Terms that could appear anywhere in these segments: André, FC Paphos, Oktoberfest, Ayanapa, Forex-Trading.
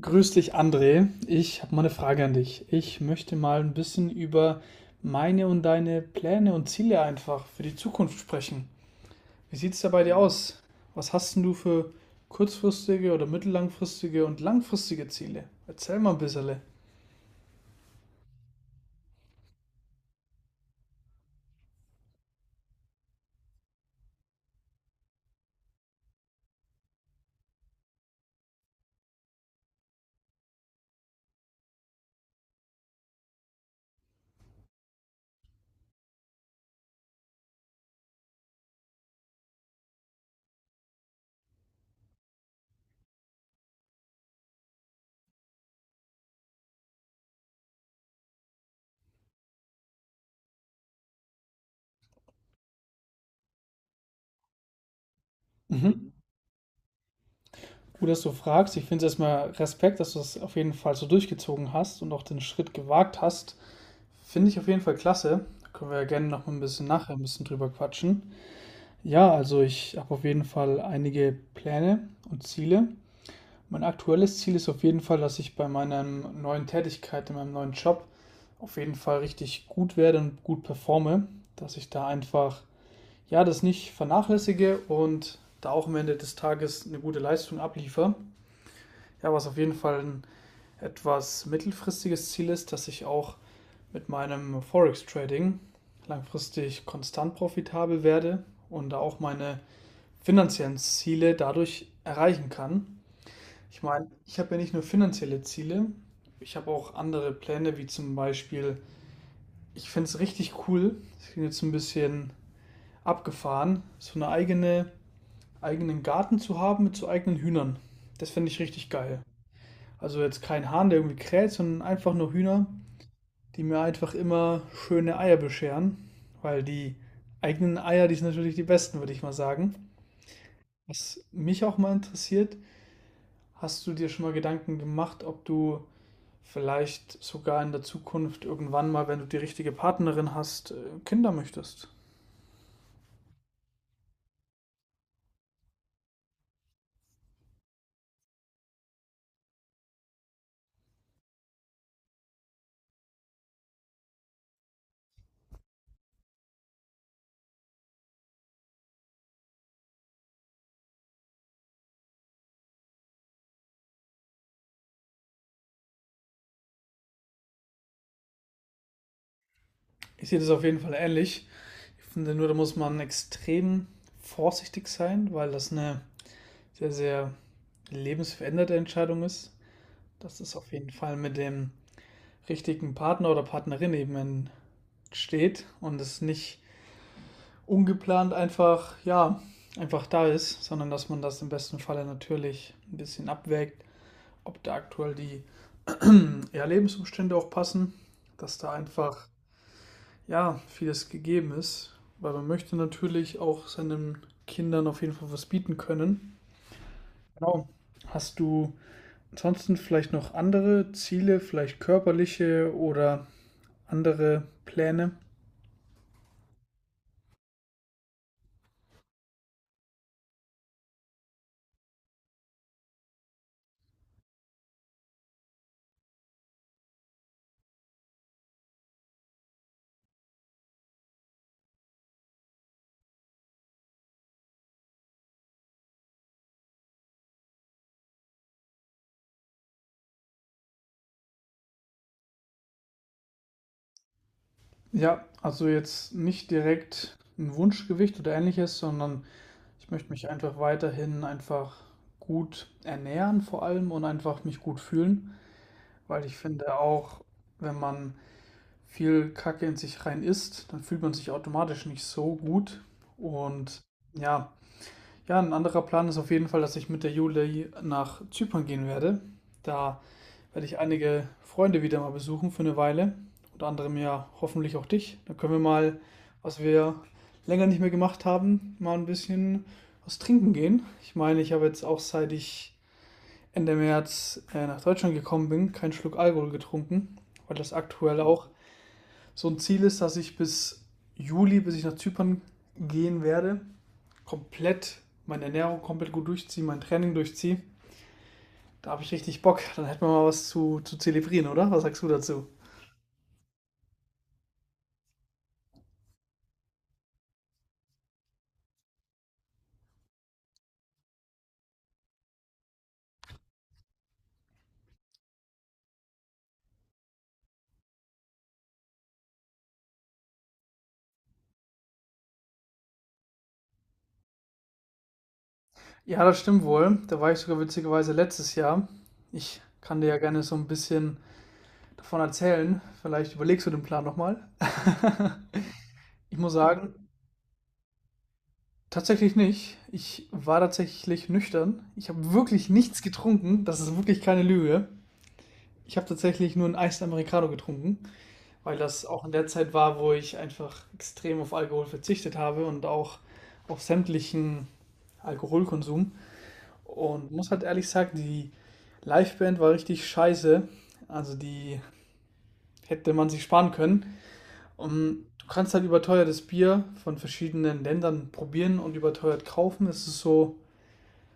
Grüß dich, André. Ich habe mal eine Frage an dich. Ich möchte mal ein bisschen über meine und deine Pläne und Ziele einfach für die Zukunft sprechen. Wie sieht es da bei dir aus? Was hast denn du für kurzfristige oder mittellangfristige und langfristige Ziele? Erzähl mal ein bisschen. Mhm. Gut, dass du fragst. Ich finde es erstmal Respekt, dass du das auf jeden Fall so durchgezogen hast und auch den Schritt gewagt hast. Finde ich auf jeden Fall klasse. Da können wir ja gerne noch mal ein bisschen nachher ein bisschen drüber quatschen. Ja, also ich habe auf jeden Fall einige Pläne und Ziele. Mein aktuelles Ziel ist auf jeden Fall, dass ich bei meiner neuen Tätigkeit, in meinem neuen Job, auf jeden Fall richtig gut werde und gut performe. Dass ich da einfach, ja, das nicht vernachlässige und da auch am Ende des Tages eine gute Leistung abliefere. Ja, was auf jeden Fall ein etwas mittelfristiges Ziel ist, dass ich auch mit meinem Forex-Trading langfristig konstant profitabel werde und da auch meine finanziellen Ziele dadurch erreichen kann. Ich meine, ich habe ja nicht nur finanzielle Ziele, ich habe auch andere Pläne, wie zum Beispiel, ich finde es richtig cool, das klingt jetzt ein bisschen abgefahren, so eine eigene, eigenen Garten zu haben mit so eigenen Hühnern. Das finde ich richtig geil. Also jetzt kein Hahn, der irgendwie kräht, sondern einfach nur Hühner, die mir einfach immer schöne Eier bescheren, weil die eigenen Eier, die sind natürlich die besten, würde ich mal sagen. Was mich auch mal interessiert, hast du dir schon mal Gedanken gemacht, ob du vielleicht sogar in der Zukunft irgendwann mal, wenn du die richtige Partnerin hast, Kinder möchtest? Ich sehe das auf jeden Fall ähnlich. Ich finde nur, da muss man extrem vorsichtig sein, weil das eine sehr, sehr lebensveränderte Entscheidung ist. Dass es auf jeden Fall mit dem richtigen Partner oder Partnerin eben entsteht und es nicht ungeplant einfach, ja, einfach da ist, sondern dass man das im besten Falle natürlich ein bisschen abwägt, ob da aktuell die ja, Lebensumstände auch passen, dass da einfach ja vieles gegeben ist, weil man möchte natürlich auch seinen Kindern auf jeden Fall was bieten können. Genau. Hast du ansonsten vielleicht noch andere Ziele, vielleicht körperliche oder andere Pläne? Ja, also jetzt nicht direkt ein Wunschgewicht oder ähnliches, sondern ich möchte mich einfach weiterhin einfach gut ernähren vor allem und einfach mich gut fühlen. Weil ich finde auch, wenn man viel Kacke in sich rein isst, dann fühlt man sich automatisch nicht so gut. Und ja, ja, ein anderer Plan ist auf jeden Fall, dass ich mit der Juli nach Zypern gehen werde. Da werde ich einige Freunde wieder mal besuchen für eine Weile. Unter anderem ja hoffentlich auch dich. Dann können wir mal, was wir länger nicht mehr gemacht haben, mal ein bisschen was trinken gehen. Ich meine, ich habe jetzt auch, seit ich Ende März nach Deutschland gekommen bin, keinen Schluck Alkohol getrunken, weil das aktuell auch so ein Ziel ist, dass ich bis Juli, bis ich nach Zypern gehen werde, komplett meine Ernährung komplett gut durchziehe, mein Training durchziehe. Da habe ich richtig Bock. Dann hätten wir mal was zu zelebrieren, oder? Was sagst du dazu? Ja, das stimmt wohl. Da war ich sogar witzigerweise letztes Jahr. Ich kann dir ja gerne so ein bisschen davon erzählen. Vielleicht überlegst du den Plan nochmal. Ich muss sagen, tatsächlich nicht. Ich war tatsächlich nüchtern. Ich habe wirklich nichts getrunken. Das ist wirklich keine Lüge. Ich habe tatsächlich nur einen Eis Americano getrunken, weil das auch in der Zeit war, wo ich einfach extrem auf Alkohol verzichtet habe und auch auf sämtlichen Alkoholkonsum. Und muss halt ehrlich sagen, die Liveband war richtig scheiße. Also die hätte man sich sparen können. Und du kannst halt überteuertes Bier von verschiedenen Ländern probieren und überteuert kaufen. Es ist so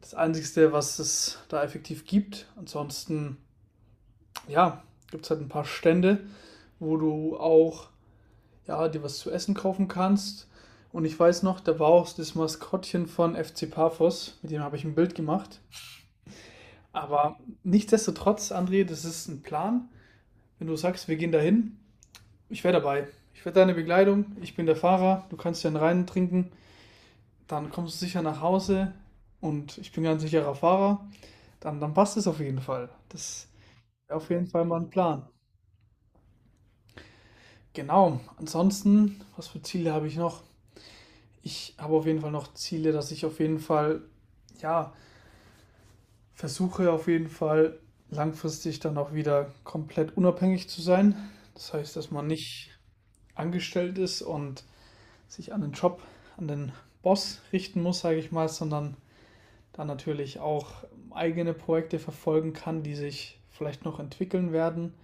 das Einzige, was es da effektiv gibt. Ansonsten, ja, gibt es halt ein paar Stände, wo du auch, ja, dir was zu essen kaufen kannst. Und ich weiß noch, da war auch das Maskottchen von FC Paphos, mit dem habe ich ein Bild gemacht. Aber nichtsdestotrotz, André, das ist ein Plan. Wenn du sagst, wir gehen dahin, ich wäre dabei. Ich werde deine Begleitung, ich bin der Fahrer, du kannst dann rein trinken, dann kommst du sicher nach Hause und ich bin ganz sicherer Fahrer. Dann, dann passt es auf jeden Fall. Das auf jeden Fall mal 'n Plan. Genau, ansonsten, was für Ziele habe ich noch? Ich habe auf jeden Fall noch Ziele, dass ich auf jeden Fall, ja, versuche auf jeden Fall langfristig dann auch wieder komplett unabhängig zu sein. Das heißt, dass man nicht angestellt ist und sich an den Job, an den Boss richten muss, sage ich mal, sondern dann natürlich auch eigene Projekte verfolgen kann, die sich vielleicht noch entwickeln werden.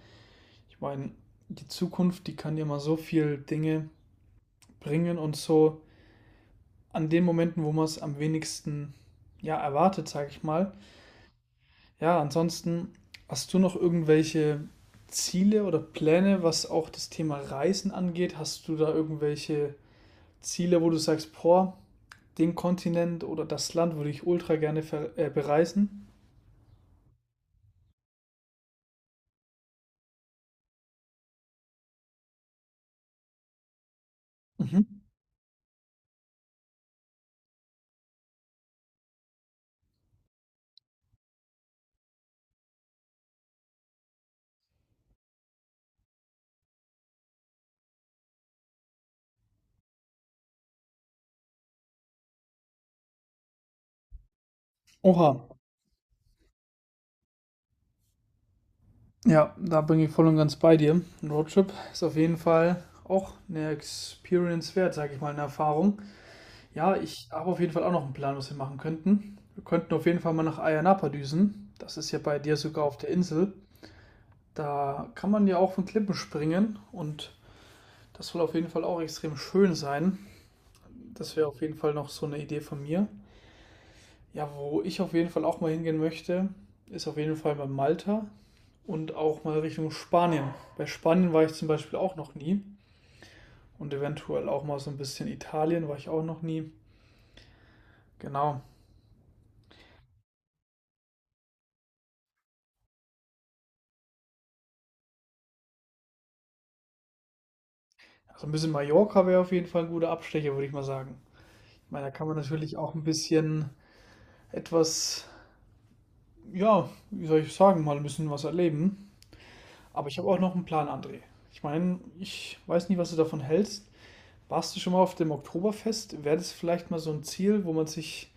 Ich meine, die Zukunft, die kann ja mal so viel Dinge bringen und so an den Momenten, wo man es am wenigsten ja erwartet, sage ich mal. Ja, ansonsten, hast du noch irgendwelche Ziele oder Pläne, was auch das Thema Reisen angeht? Hast du da irgendwelche Ziele, wo du sagst, boah, den Kontinent oder das Land würde ich ultra gerne ver bereisen? Mhm. Oha, ja, da bin ich voll und ganz bei dir. Ein Roadtrip ist auf jeden Fall auch eine Experience wert, sage ich mal, eine Erfahrung. Ja, ich habe auf jeden Fall auch noch einen Plan, was wir machen könnten. Wir könnten auf jeden Fall mal nach Ayanapa düsen. Das ist ja bei dir sogar auf der Insel. Da kann man ja auch von Klippen springen und das soll auf jeden Fall auch extrem schön sein. Das wäre auf jeden Fall noch so eine Idee von mir. Ja, wo ich auf jeden Fall auch mal hingehen möchte, ist auf jeden Fall bei Malta und auch mal Richtung Spanien. Bei Spanien war ich zum Beispiel auch noch nie und eventuell auch mal so ein bisschen Italien war ich auch noch nie. Genau. Also ein bisschen Mallorca wäre auf jeden Fall ein guter Abstecher, würde ich mal sagen. Ich meine, da kann man natürlich auch ein bisschen etwas, ja, wie soll ich sagen, mal ein bisschen was erleben. Aber ich habe auch noch einen Plan, André. Ich meine, ich weiß nicht, was du davon hältst. Warst du schon mal auf dem Oktoberfest? Wäre das vielleicht mal so ein Ziel, wo man sich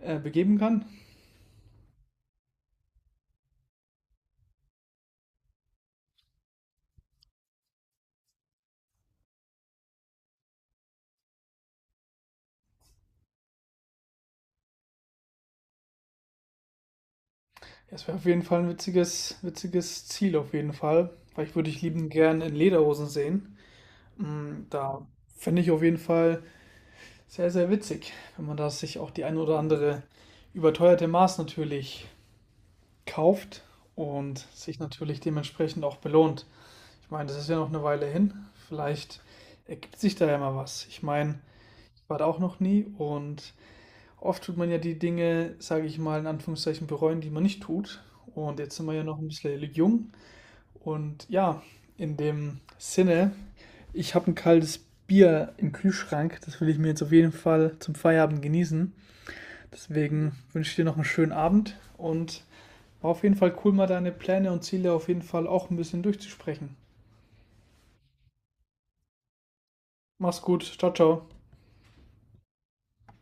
begeben kann? Das wäre auf jeden Fall ein witziges, witziges Ziel, auf jeden Fall. Weil ich würde dich lieben gern in Lederhosen sehen. Da fände ich auf jeden Fall sehr, sehr witzig, wenn man da sich auch die ein oder andere überteuerte Maß natürlich kauft und sich natürlich dementsprechend auch belohnt. Ich meine, das ist ja noch eine Weile hin. Vielleicht ergibt sich da ja mal was. Ich meine, ich war da auch noch nie und oft tut man ja die Dinge, sage ich mal, in Anführungszeichen bereuen, die man nicht tut. Und jetzt sind wir ja noch ein bisschen jung und ja, in dem Sinne, ich habe ein kaltes Bier im Kühlschrank. Das will ich mir jetzt auf jeden Fall zum Feierabend genießen. Deswegen wünsche ich dir noch einen schönen Abend und war auf jeden Fall cool, mal deine Pläne und Ziele auf jeden Fall auch ein bisschen durchzusprechen. Mach's gut. Ciao, ciao.